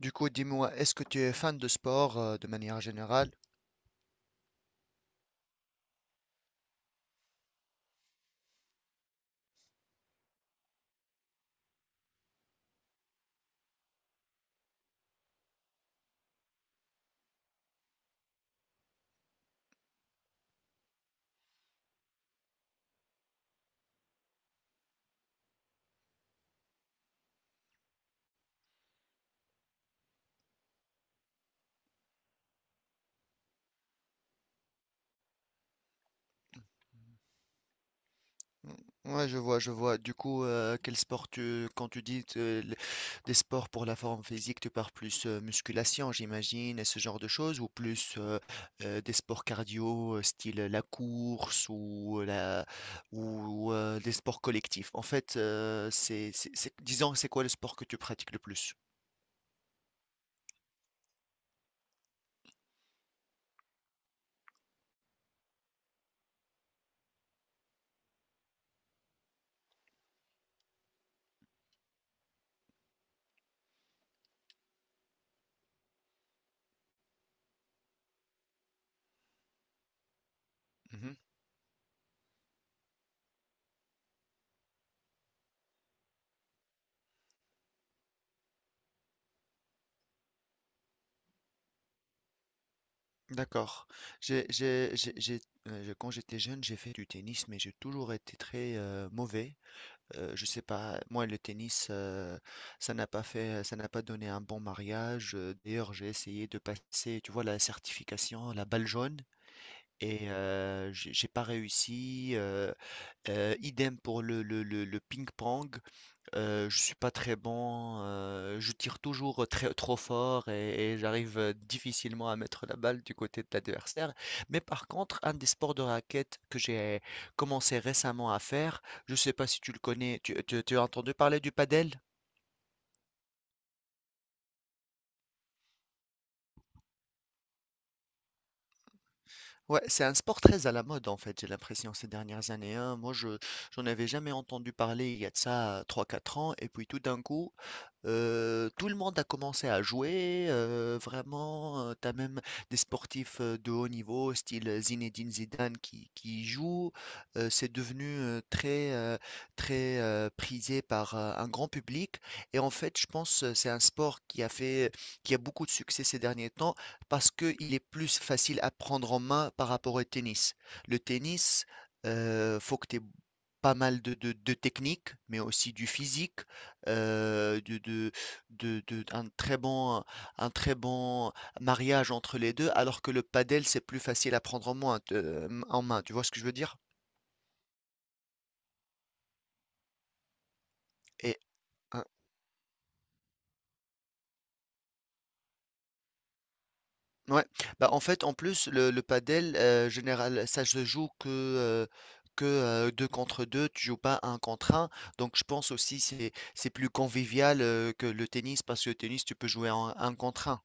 Du coup, dis-moi, est-ce que tu es fan de sport de manière générale? Mm, Ouais, je vois, je vois. Du coup, quel sport quand tu dis des sports pour la forme physique, tu parles plus musculation, j'imagine, et ce genre de choses, ou plus des sports cardio, style la course ou la ou des sports collectifs. En fait, c'est disons, c'est quoi le sport que tu pratiques le plus? D'accord. J'ai, j'ai, j'ai, j'ai- quand j'étais jeune, j'ai fait du tennis, mais j'ai toujours été très mauvais. Je sais pas, moi le tennis, ça n'a pas donné un bon mariage. D'ailleurs, j'ai essayé de passer, tu vois, la certification, la balle jaune, et j'ai pas réussi. Idem pour le ping-pong. Je suis pas très bon, je tire toujours très, trop fort et j'arrive difficilement à mettre la balle du côté de l'adversaire. Mais par contre, un des sports de raquette que j'ai commencé récemment à faire, je sais pas si tu le connais, tu as entendu parler du padel? Ouais, c'est un sport très à la mode en fait, j'ai l'impression ces dernières années, hein. Moi, je j'en avais jamais entendu parler il y a de ça trois quatre ans, et puis tout d'un coup, tout le monde a commencé à jouer. Vraiment, tu as même des sportifs de haut niveau, style Zinedine Zidane, qui y jouent. C'est devenu très prisé par un grand public. Et en fait, je pense c'est un sport qui a beaucoup de succès ces derniers temps parce qu'il est plus facile à prendre en main par rapport au tennis. Le tennis, faut que tu aies pas mal de technique, mais aussi du physique, euh, de, de, un très bon mariage entre les deux, alors que le padel, c'est plus facile à prendre en main, en main. Tu vois ce que je veux dire? Et Ouais, bah, en fait, en plus, le padel, général, ça se joue que, deux contre deux, tu joues pas un contre un. Donc, je pense aussi c'est plus convivial que le tennis parce que le tennis, tu peux jouer en un contre un.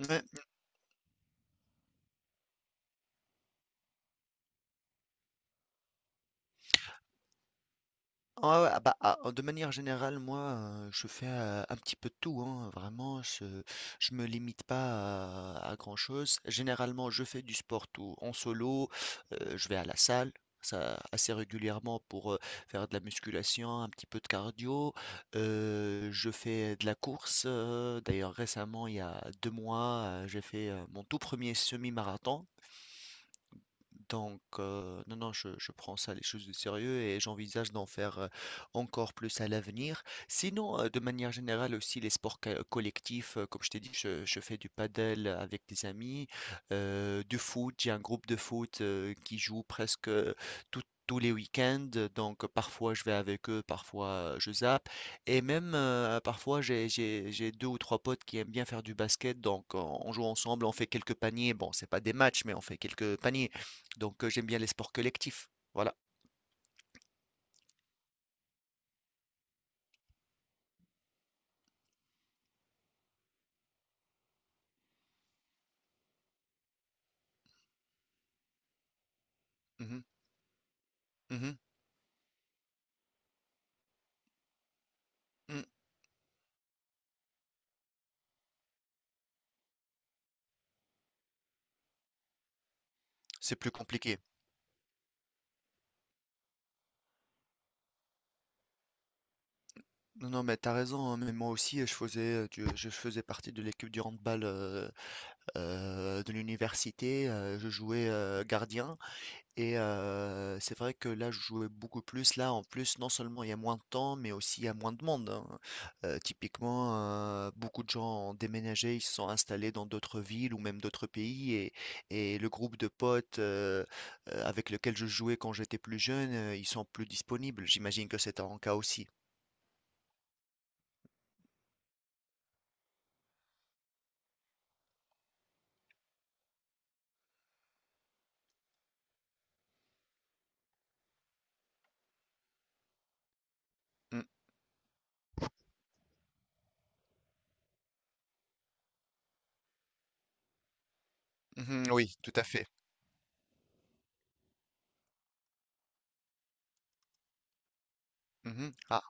Ouais. Ah ouais, ah bah, ah, de manière générale, moi, je fais un petit peu de tout, hein, vraiment, je me limite pas à grand-chose. Généralement, je fais du sport tout en solo, je vais à la salle, ça assez régulièrement pour faire de la musculation, un petit peu de cardio. Je fais de la course, d'ailleurs récemment, il y a deux mois, j'ai fait mon tout premier semi-marathon. Donc, non, non, je prends ça les choses de sérieux et j'envisage d'en faire encore plus à l'avenir. Sinon, de manière générale aussi, les sports collectifs, comme je t'ai dit, je fais du paddle avec des amis, du foot, j'ai un groupe de foot qui joue presque tous les week-ends, donc parfois je vais avec eux, parfois je zappe, et même parfois j'ai deux ou trois potes qui aiment bien faire du basket, donc on joue ensemble, on fait quelques paniers, bon c'est pas des matchs, mais on fait quelques paniers, donc, j'aime bien les sports collectifs. Voilà. Mmh mh. Mmh. Mmh. C'est plus compliqué. Non, non, mais t'as raison, hein, mais moi aussi, je faisais, du je faisais partie de l'équipe du handball, de l'université, je jouais, gardien et c'est vrai que là, je jouais beaucoup plus. Là, en plus, non seulement il y a moins de temps, mais aussi il y a moins de monde, hein. Typiquement, beaucoup de gens ont déménagé, ils se sont installés dans d'autres villes ou même d'autres pays et le groupe de potes, avec lesquels je jouais quand j'étais plus jeune, ils sont plus disponibles. J'imagine que c'est ton cas aussi. Mm, mhm, oui, tout à fait. Mhm. Ah,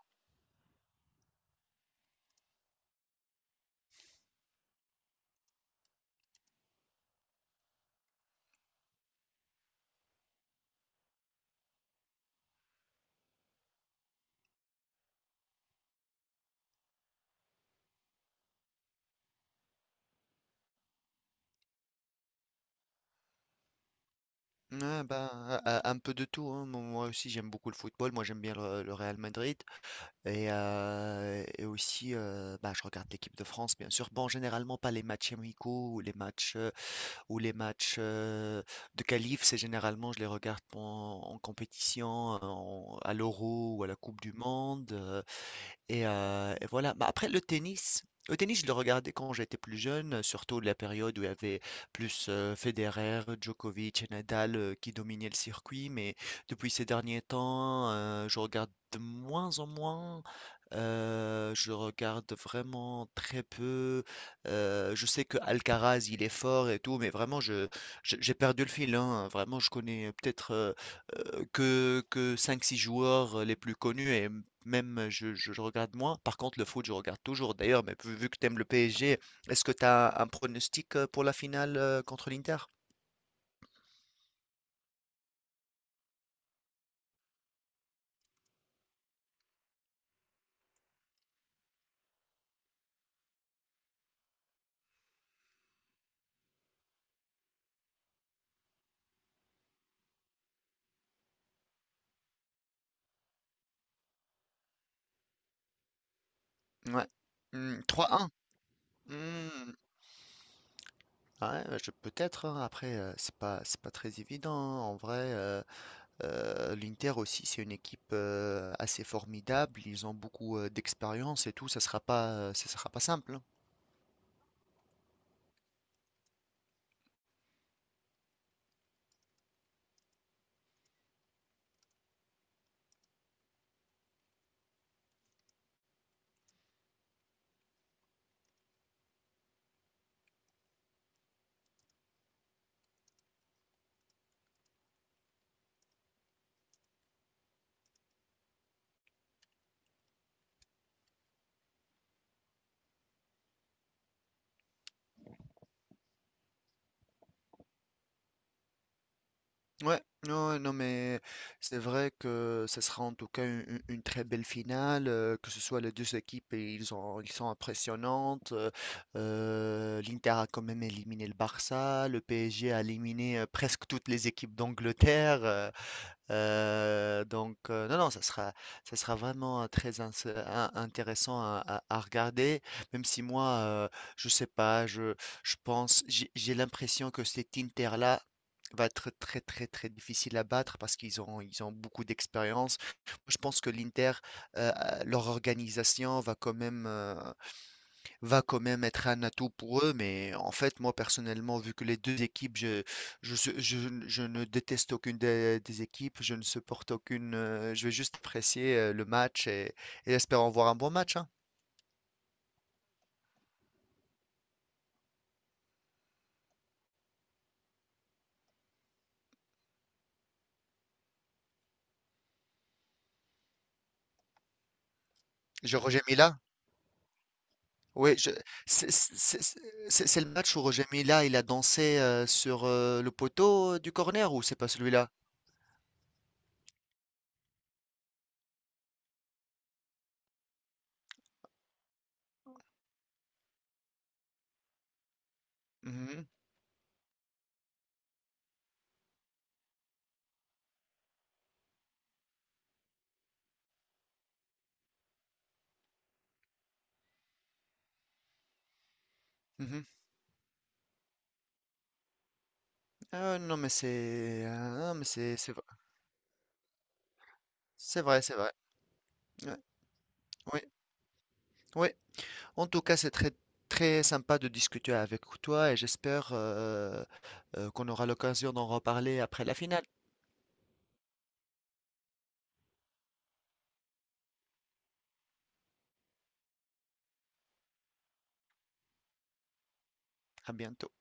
ah, bah, un peu de tout, hein. Moi aussi, j'aime beaucoup le football. Moi, j'aime bien le Real Madrid. Et aussi, bah, je regarde l'équipe de France, bien sûr. Bon, généralement pas les matchs amicaux ou les matchs de qualif. C'est généralement, je les regarde en compétition, à l'Euro ou à la Coupe du Monde. Et voilà. Bah, après le tennis, je le regardais quand j'étais plus jeune, surtout de la période où il y avait plus, Federer, Djokovic et Nadal, qui dominaient le circuit. Mais depuis ces derniers temps, je regarde de moins en moins. Je regarde vraiment très peu. Je sais que Alcaraz il est fort et tout, mais vraiment je j'ai perdu le fil, hein. Vraiment, je connais peut-être, que cinq six joueurs, les plus connus et même je regarde moins. Par contre, le foot, je regarde toujours. D'ailleurs, mais vu que tu aimes le PSG, est-ce que tu as un pronostic pour la finale contre l'Inter? Ouais. Hmm, 3-1. Hmm. Ouais, bah, peut-être, hein. Après, c'est pas très évident, hein. En vrai, l'Inter aussi, c'est une équipe assez formidable. Ils ont beaucoup d'expérience et tout. Ça sera pas simple, hein. Ouais, non, ouais, non, mais c'est vrai que ce sera en tout cas une très belle finale, que ce soit les deux équipes, et ils sont impressionnantes. L'Inter a quand même éliminé le Barça, le PSG a éliminé presque toutes les équipes d'Angleterre. Donc, non, non, ça sera vraiment intéressant à regarder, même si moi, euh, je sais pas, je pense, j'ai l'impression que cet Inter-là va être très difficile à battre parce ils ont beaucoup d'expérience. Je pense que l'Inter, leur organisation va quand même être un atout pour eux. Mais en fait, moi personnellement, vu que les deux équipes, je, su- je n- je ne déteste aucune des équipes, je ne supporte aucune. Je vais juste apprécier le match et espérons voir un bon match, hein. Je Roger Mila. Oui, c'est c'est- c'est- c'est le match où Roger Mila il a dansé sur le poteau du corner ou c'est pas celui-là? Mhm, mhm. Ah non mais c'est vrai, c'est vrai, c'est vrai. Ouais, oui, oui. En tout cas, c'est très, très sympa de discuter avec toi et j'espère qu'on aura l'occasion d'en reparler après la finale. À bientôt.